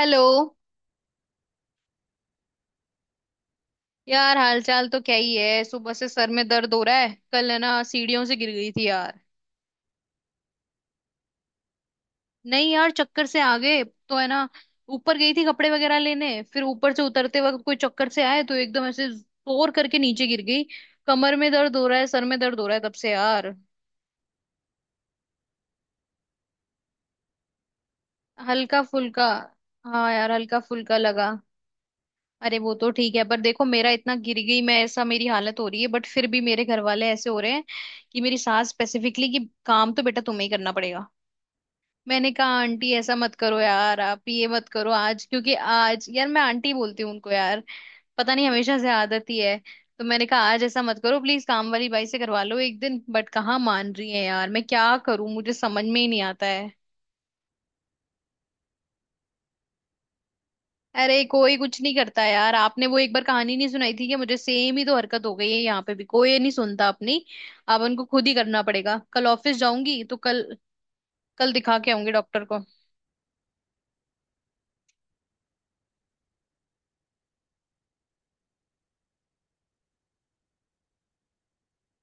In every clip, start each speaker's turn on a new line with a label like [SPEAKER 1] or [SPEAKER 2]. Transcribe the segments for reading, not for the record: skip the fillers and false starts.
[SPEAKER 1] Hello. यार, हालचाल तो क्या ही है। सुबह से सर में दर्द हो रहा है। कल है ना, सीढ़ियों से गिर गई थी यार। नहीं यार, चक्कर से आ गए। तो है ना, ऊपर गई थी कपड़े वगैरह लेने, फिर ऊपर से उतरते वक्त कोई चक्कर से आए तो एकदम ऐसे जोर करके नीचे गिर गई। कमर में दर्द हो रहा है, सर में दर्द हो रहा है तब से यार। हल्का फुल्का। हाँ यार, हल्का फुल्का लगा। अरे, वो तो ठीक है, पर देखो मेरा इतना गिर गई मैं, ऐसा मेरी हालत हो रही है, बट फिर भी मेरे घर वाले ऐसे हो रहे हैं कि मेरी सास स्पेसिफिकली, कि काम तो बेटा तुम्हें ही करना पड़ेगा। मैंने कहा आंटी ऐसा मत करो यार, आप ये मत करो आज, क्योंकि आज यार, मैं आंटी बोलती हूँ उनको यार, पता नहीं हमेशा से आदत ही है। तो मैंने कहा आज ऐसा मत करो, प्लीज काम वाली बाई से करवा लो एक दिन, बट कहाँ मान रही है यार। मैं क्या करूं, मुझे समझ में ही नहीं आता है। अरे, कोई कुछ नहीं करता यार। आपने वो एक बार कहानी नहीं सुनाई थी, कि मुझे सेम ही तो हरकत हो गई है, यहाँ पे भी कोई ये नहीं सुनता अपनी। अब उनको खुद ही करना पड़ेगा। कल ऑफिस जाऊंगी, तो कल, कल दिखा के आऊंगी डॉक्टर को।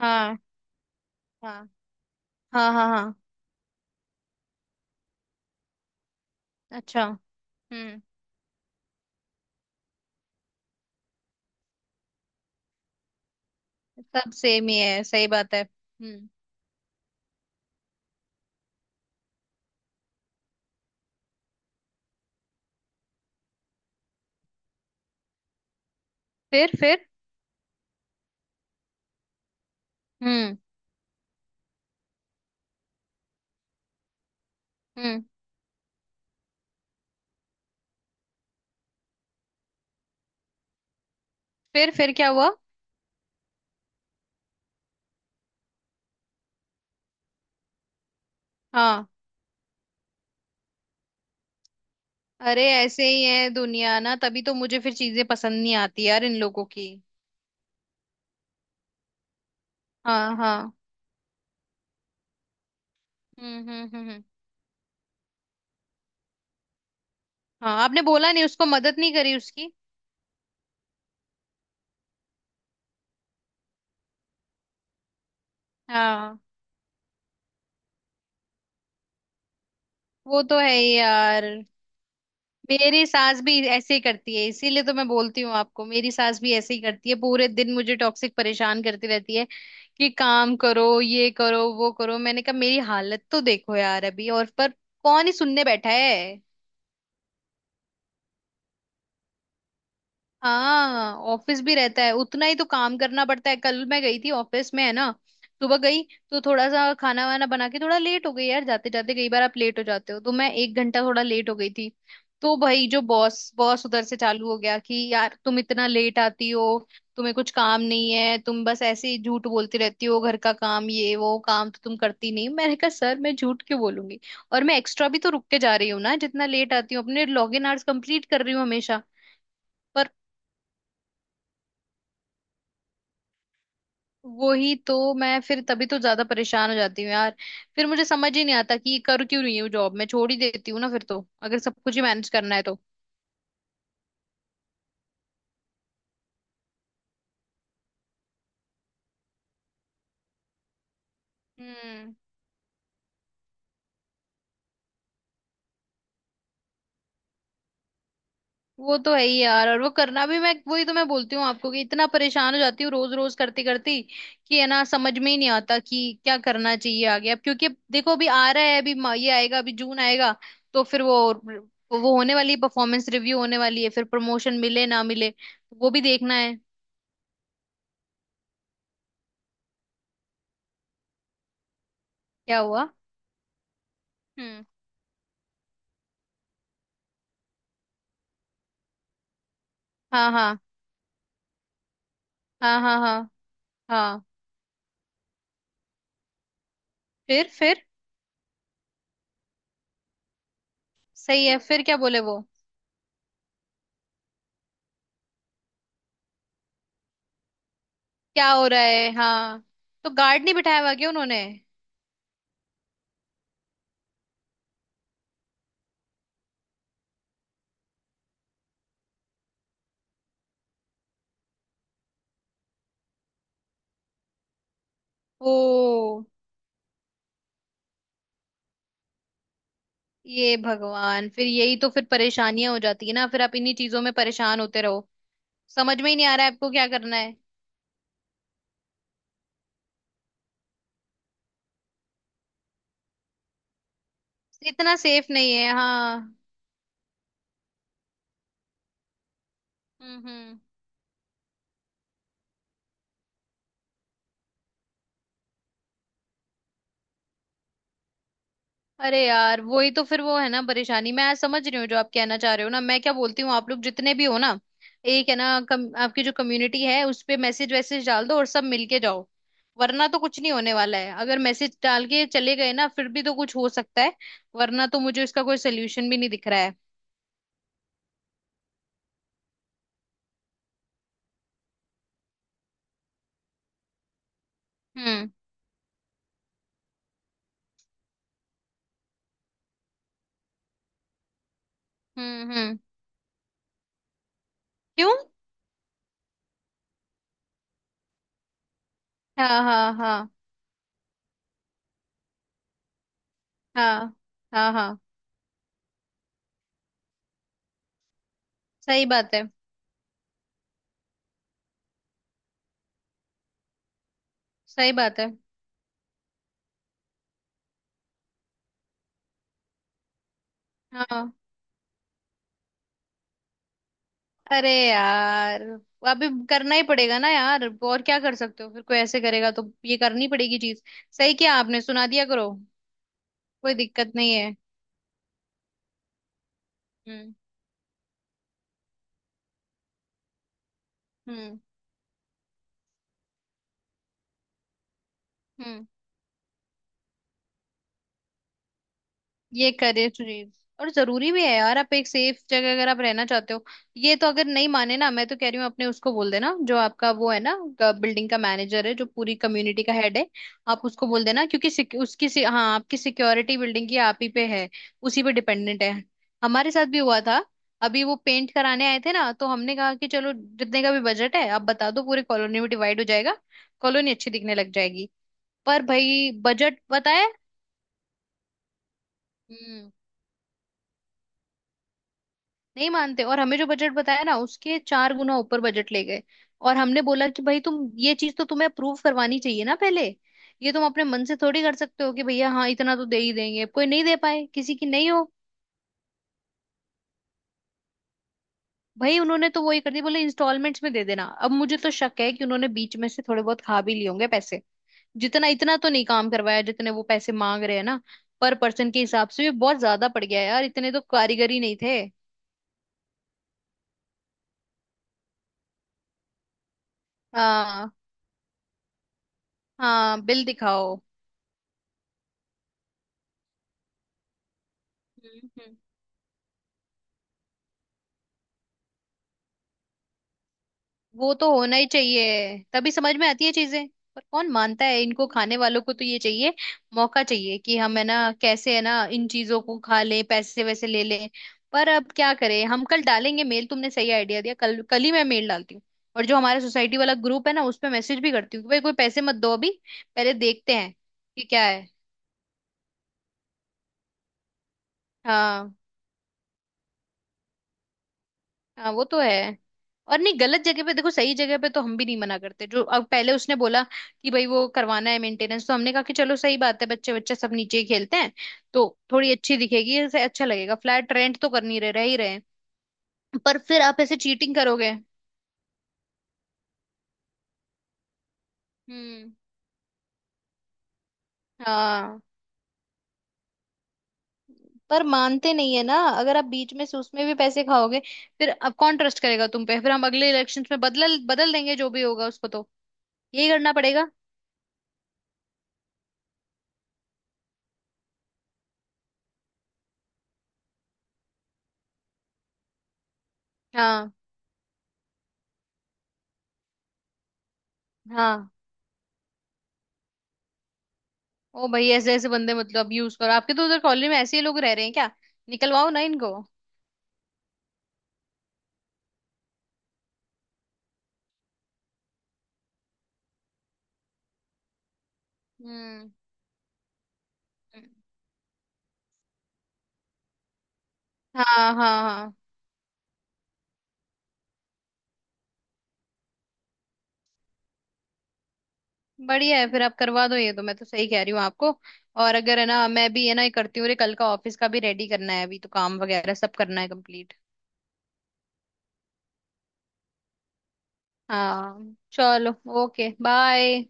[SPEAKER 1] हाँ, हाँ, हाँ, हाँ, हाँ, अच्छा। हम्म। सब सेम ही है, सही बात है। हम्म। फिर? फिर? हम्म। हम्म। फिर क्या हुआ? हाँ। अरे, ऐसे ही है दुनिया ना, तभी तो मुझे फिर चीजें पसंद नहीं आती यार इन लोगों की। हाँ, हाँ। हम्म, हम्म, हम्म, हाँ, आपने बोला नहीं उसको, मदद नहीं करी उसकी? हाँ। वो तो है ही यार। मेरी सास भी ऐसे ही करती है, इसीलिए तो मैं बोलती हूँ आपको। मेरी सास भी ऐसे ही करती है, पूरे दिन मुझे टॉक्सिक परेशान करती रहती है, कि काम करो, ये करो, वो करो। मैंने कहा मेरी हालत तो देखो यार अभी, और पर कौन ही सुनने बैठा है। हाँ, ऑफिस भी रहता है, उतना ही तो काम करना पड़ता है। कल मैं गई थी ऑफिस में है ना, सुबह गई। तो थोड़ा सा खाना वाना बना के थोड़ा लेट हो गई यार, जाते जाते कई बार आप लेट हो जाते हो, तो मैं 1 घंटा थोड़ा लेट हो गई थी। तो भाई जो बॉस बॉस उधर से चालू हो गया, कि यार तुम इतना लेट आती हो, तुम्हें कुछ काम नहीं है, तुम बस ऐसे ही झूठ बोलती रहती हो, घर का काम, ये वो काम तो तुम करती नहीं। मैंने कहा सर मैं झूठ क्यों बोलूंगी, और मैं एक्स्ट्रा भी तो रुक के जा रही हूँ ना, जितना लेट आती हूँ अपने लॉगिन आवर्स कंप्लीट कर रही हूँ हमेशा। वही तो मैं, फिर तभी तो ज्यादा परेशान हो जाती हूँ यार। फिर मुझे समझ ही नहीं आता कि कर क्यों रही हूँ जॉब। मैं छोड़ ही देती हूँ ना फिर तो, अगर सब कुछ ही मैनेज करना है तो। हम्म। वो तो है ही यार। और वो करना भी, मैं वही तो मैं बोलती हूँ आपको, कि इतना परेशान हो जाती हूँ रोज रोज करती करती, कि है ना समझ में ही नहीं आता कि क्या करना चाहिए आगे। अब क्योंकि अब देखो अभी आ रहा है, अभी ये आएगा, अभी जून आएगा। तो फिर वो होने वाली परफॉर्मेंस रिव्यू होने वाली है, फिर प्रमोशन मिले ना मिले, वो भी देखना है। क्या हुआ? हम्म। हाँ, हाँ, हाँ। हाँ, हाँ, हाँ। फिर? फिर? सही है, फिर क्या बोले वो? क्या हो रहा है, हाँ। तो गार्ड नहीं बिठाया हुआ क्या उन्होंने? ओ, ये भगवान। फिर यही तो, फिर परेशानियां हो जाती है ना, फिर आप इन्हीं चीजों में परेशान होते रहो। समझ में ही नहीं आ रहा है आपको क्या करना है। इतना सेफ नहीं है, हाँ। हम्म, हम्म। अरे यार, वही तो फिर वो है ना परेशानी। मैं समझ रही हूँ जो आप कहना चाह रहे हो ना। मैं क्या बोलती हूँ, आप लोग जितने भी हो ना, एक है ना आपकी जो कम्युनिटी है उस पे मैसेज वैसेज डाल दो, और सब मिलके जाओ। वरना तो कुछ नहीं होने वाला है। अगर मैसेज डाल के चले गए ना, फिर भी तो कुछ हो सकता है। वरना तो मुझे इसका कोई सोल्यूशन भी नहीं दिख रहा है। हम्म, हम्म, हम्म। क्यों? हाँ, हाँ, हाँ। हाँ, हाँ, हाँ। सही बात है, सही बात है। हाँ। अरे यार, अभी करना ही पड़ेगा ना यार, और क्या कर सकते हो। फिर कोई ऐसे करेगा, तो ये करनी पड़ेगी चीज। सही किया आपने, सुना दिया करो। कोई दिक्कत नहीं है। हम्म, हम्म, हम्म। ये करें चीज। और जरूरी भी है यार, आप एक सेफ जगह अगर आप रहना चाहते हो। ये तो अगर नहीं माने ना, मैं तो कह रही हूँ, अपने उसको बोल देना जो आपका वो है ना, बिल्डिंग का मैनेजर है, जो पूरी कम्युनिटी का हेड है। आप उसको बोल देना, क्योंकि हाँ, आपकी सिक्योरिटी बिल्डिंग की आप ही पे है, उसी पे डिपेंडेंट है। हमारे साथ भी हुआ था। अभी वो पेंट कराने आए थे ना, तो हमने कहा कि चलो जितने का भी बजट है आप बता दो, पूरे कॉलोनी में डिवाइड हो जाएगा, कॉलोनी अच्छी दिखने लग जाएगी। पर भाई बजट बताया, नहीं मानते। और हमें जो बजट बताया ना, उसके 4 गुना ऊपर बजट ले गए। और हमने बोला कि भाई तुम ये चीज तो तुम्हें अप्रूव करवानी चाहिए ना पहले। ये तुम अपने मन से थोड़ी कर सकते हो कि भैया हाँ इतना तो दे ही देंगे, कोई नहीं दे पाए, किसी की नहीं हो। भाई उन्होंने तो वही कर दिया, बोले इंस्टॉलमेंट्स में दे देना। अब मुझे तो शक है कि उन्होंने बीच में से थोड़े बहुत खा भी लिए होंगे पैसे, जितना इतना तो नहीं काम करवाया जितने वो पैसे मांग रहे हैं ना। पर पर्सन के हिसाब से भी बहुत ज्यादा पड़ गया यार, इतने तो कारीगर ही नहीं थे। हाँ, हाँ, बिल दिखाओ। हम्म, वो तो होना ही चाहिए, तभी समझ में आती है चीजें। पर कौन मानता है? इनको खाने वालों को तो ये चाहिए, मौका चाहिए, कि हम है ना कैसे है ना इन चीजों को खा लें, पैसे वैसे ले लें। पर अब क्या करें, हम कल डालेंगे मेल। तुमने सही आइडिया दिया, कल कल ही मैं मेल डालती हूँ। और जो हमारा सोसाइटी वाला ग्रुप है ना, उस पे मैसेज भी करती हूँ कि भाई कोई पैसे मत दो अभी, पहले देखते हैं कि क्या है। हाँ, हाँ। वो तो है। और नहीं, गलत जगह पे देखो, सही जगह पे तो हम भी नहीं मना करते। जो अब पहले उसने बोला कि भाई वो करवाना है मेंटेनेंस, तो हमने कहा कि चलो सही बात है, बच्चे बच्चे सब नीचे ही खेलते हैं, तो थोड़ी अच्छी दिखेगी ऐसे, अच्छा लगेगा। फ्लैट रेंट तो कर नहीं रहे, रह ही रहे हैं। पर फिर आप ऐसे चीटिंग करोगे? हम्म। हाँ। पर मानते नहीं है ना, अगर आप बीच में से उसमें भी पैसे खाओगे। फिर अब कौन ट्रस्ट करेगा तुम पे? फिर हम अगले इलेक्शंस में बदल बदल देंगे, जो भी होगा उसको तो। यही करना पड़ेगा। हाँ, हाँ। ओ भाई, ऐसे ऐसे बंदे मतलब यूज करो, आपके तो उधर कॉलोनी में ऐसे ही लोग रह रहे हैं क्या? निकलवाओ ना इनको। हम्म। हाँ, हाँ, हाँ। बढ़िया है, फिर आप करवा दो ये, तो मैं तो सही कह रही हूँ आपको। और अगर है ना, मैं भी है ना ये करती हूँ, अरे कल का ऑफिस का भी रेडी करना है अभी, तो काम वगैरह सब करना है कंप्लीट। हाँ चलो। Okay, bye.